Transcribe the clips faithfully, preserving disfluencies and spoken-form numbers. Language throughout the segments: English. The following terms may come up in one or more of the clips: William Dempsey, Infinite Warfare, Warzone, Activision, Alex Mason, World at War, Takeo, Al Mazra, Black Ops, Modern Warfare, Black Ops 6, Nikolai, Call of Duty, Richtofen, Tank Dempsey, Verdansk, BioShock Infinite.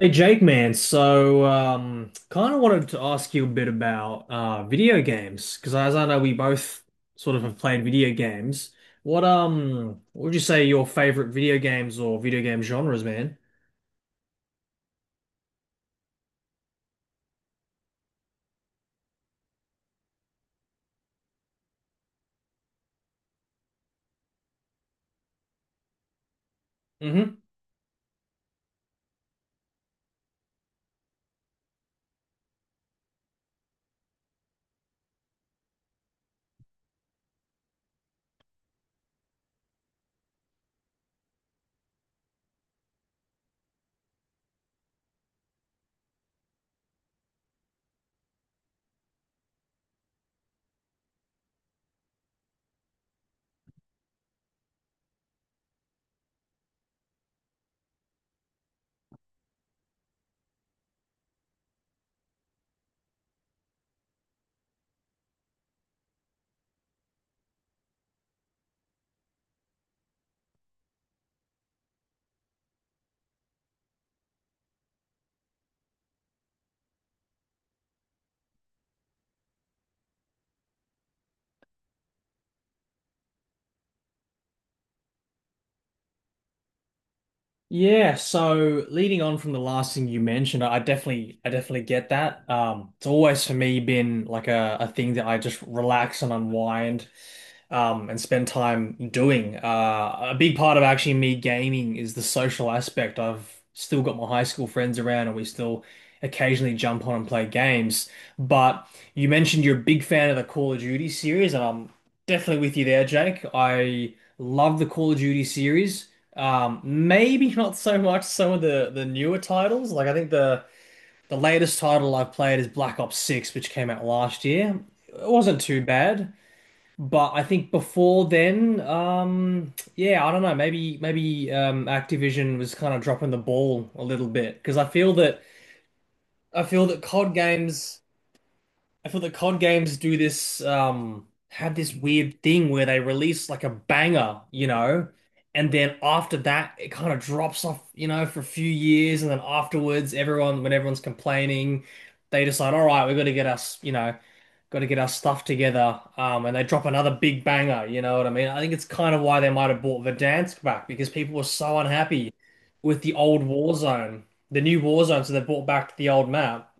Hey Jake, man. So, um, kind of wanted to ask you a bit about uh, video games because, as I know, we both sort of have played video games. What um, what would you say your favorite video games or video game genres, man? Mm-hmm. Yeah, so leading on from the last thing you mentioned, I definitely I definitely get that. Um, it's always for me been like a, a thing that I just relax and unwind um, and spend time doing. Uh, a big part of actually me gaming is the social aspect. I've still got my high school friends around, and we still occasionally jump on and play games. But you mentioned you're a big fan of the Call of Duty series, and I'm definitely with you there, Jake. I love the Call of Duty series. Um, maybe not so much some of the the newer titles. Like I think the the latest title I've played is Black Ops six, which came out last year. It wasn't too bad. But I think before then, um, yeah, I don't know. Maybe maybe um, Activision was kind of dropping the ball a little bit because I feel that I feel that C O D games. I feel that C O D games do this um have this weird thing where they release like a banger, you know, and then after that it kind of drops off, you know, for a few years, and then afterwards everyone when everyone's complaining, they decide, all right, we've got to get us, you know, got to get our stuff together, um, and they drop another big banger, you know what I mean? I think it's kind of why they might have bought Verdansk back because people were so unhappy with the old Warzone, the new Warzone, so they brought back the old map.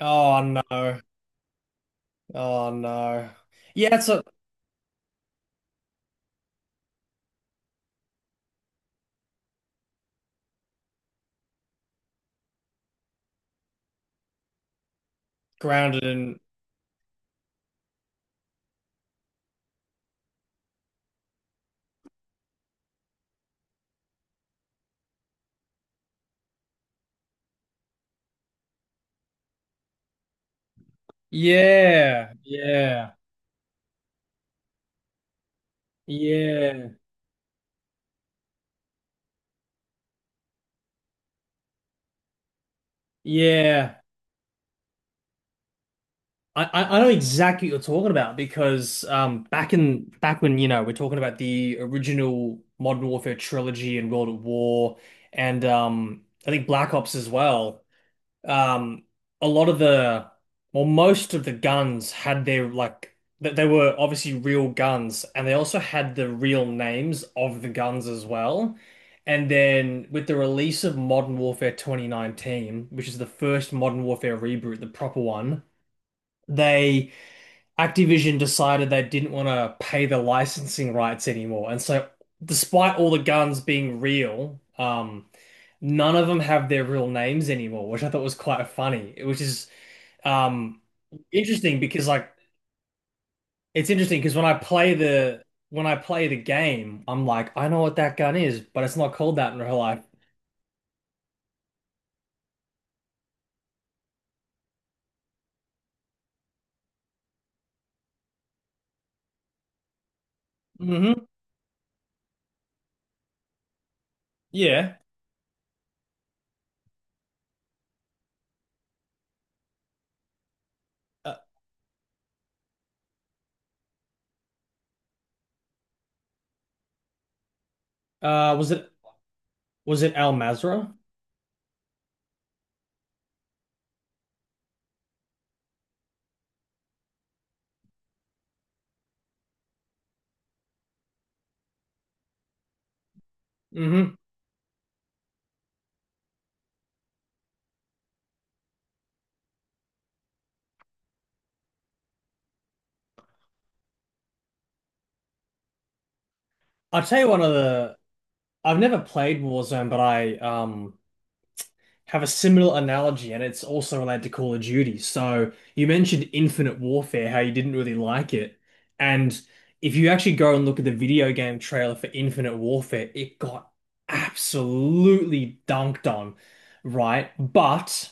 Oh no. Oh no. Yeah, it's a grounded in Yeah, yeah, yeah, yeah. I, I I know exactly what you're talking about because um back in back when you know we're talking about the original Modern Warfare trilogy and World at War and um I think Black Ops as well. um, a lot of the, well, most of the guns had their like that they were obviously real guns, and they also had the real names of the guns as well. And then with the release of Modern Warfare twenty nineteen, which is the first Modern Warfare reboot, the proper one, they Activision decided they didn't want to pay the licensing rights anymore. And so, despite all the guns being real, um, none of them have their real names anymore, which I thought was quite funny, which is um, interesting because like it's interesting because when I play the when I play the game, I'm like, I know what that gun is, but it's not called that in real life. Hmm. Yeah. Uh, uh, was it was it Al Mazra? Hmm. I'll tell you one of the I've never played Warzone, but I um have a similar analogy, and it's also related to Call of Duty. So you mentioned Infinite Warfare, how you didn't really like it. And if you actually go and look at the video game trailer for Infinite Warfare, it got absolutely dunked on, right? But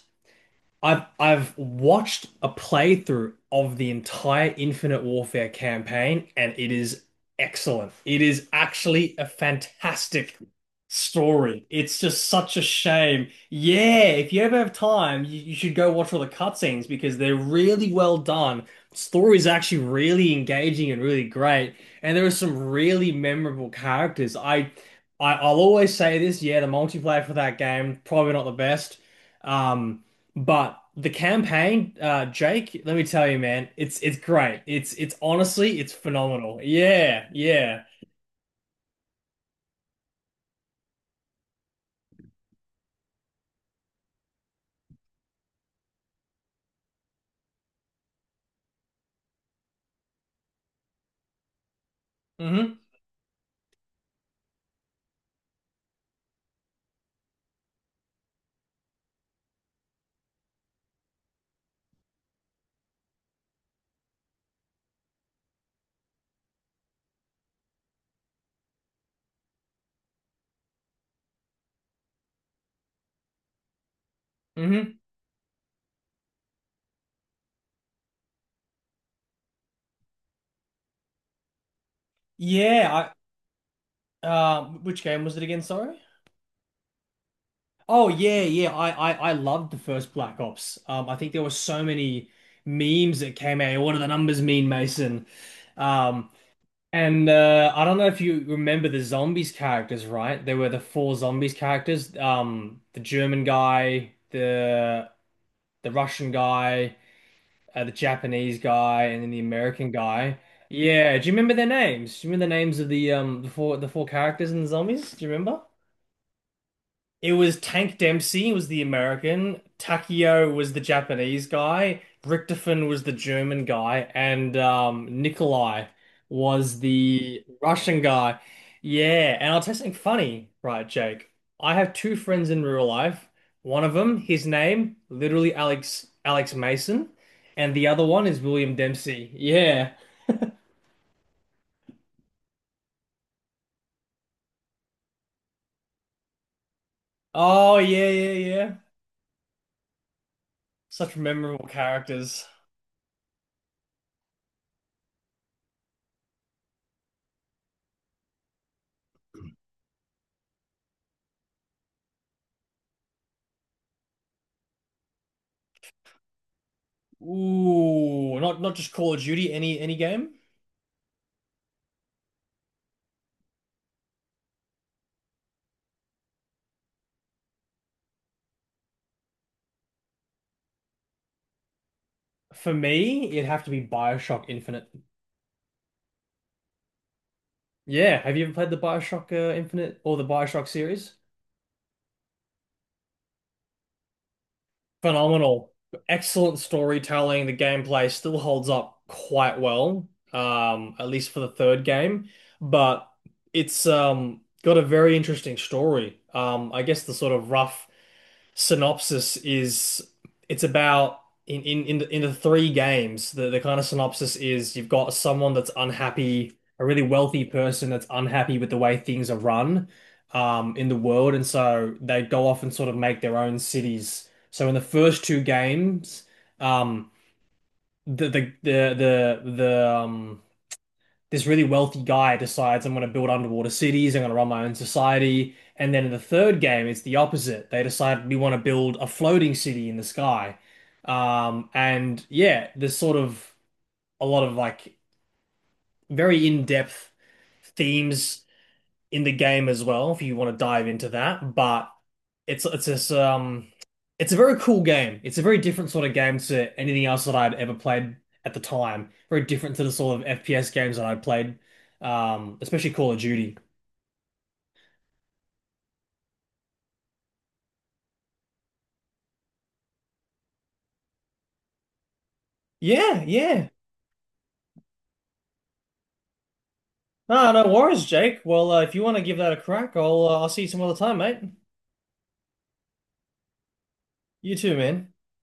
I've I've watched a playthrough of the entire Infinite Warfare campaign, and it is excellent. It is actually a fantastic story. It's just such a shame. Yeah, if you ever have time, you, you should go watch all the cutscenes because they're really well done. Story is actually really engaging and really great, and there are some really memorable characters. I, I I'll always say this. Yeah, the multiplayer for that game probably not the best. Um, but the campaign, uh, Jake, let me tell you, man, it's it's great. It's it's honestly, it's phenomenal. Yeah, yeah. Hmm. Hmm. Yeah, I um which game was it again, sorry? Oh yeah, yeah. I, I I loved the first Black Ops. Um, I think there were so many memes that came out. What do the numbers mean, Mason? Um, and uh, I don't know if you remember the zombies characters, right? There were the four zombies characters. Um, the German guy, the the Russian guy, uh, the Japanese guy, and then the American guy. Yeah, do you remember their names? Do you remember the names of the um the four the four characters in the zombies? Do you remember? It was Tank Dempsey was the American, Takeo was the Japanese guy, Richtofen was the German guy, and um, Nikolai was the Russian guy. Yeah, and I'll tell you something funny, right, Jake? I have two friends in real life. One of them, his name, literally Alex Alex Mason, and the other one is William Dempsey. Yeah. Oh yeah, yeah, yeah. Such memorable characters. Ooh, not not just Call of Duty, any any game? For me, it'd have to be BioShock Infinite. Yeah, have you ever played the BioShock uh, Infinite or the BioShock series? Phenomenal. Excellent storytelling. The gameplay still holds up quite well, um, at least for the third game, but it's um, got a very interesting story. Um, I guess the sort of rough synopsis is it's about in in in the, in the three games the, the kind of synopsis is you've got someone that's unhappy, a really wealthy person that's unhappy with the way things are run um in the world, and so they go off and sort of make their own cities. So in the first two games um the the the the, the um this really wealthy guy decides I'm going to build underwater cities, I'm going to run my own society. And then in the third game, it's the opposite. They decide we want to build a floating city in the sky. Um, and yeah, there's sort of a lot of like very in-depth themes in the game as well if you want to dive into that. But it's it's this um it's a very cool game. It's a very different sort of game to anything else that I'd ever played at the time. Very different to the sort of F P S games that I'd played, um, especially Call of Duty. Yeah, yeah. No, no worries, Jake. Well, uh, if you want to give that a crack, I'll uh, I'll see you some other time, mate. You too, man.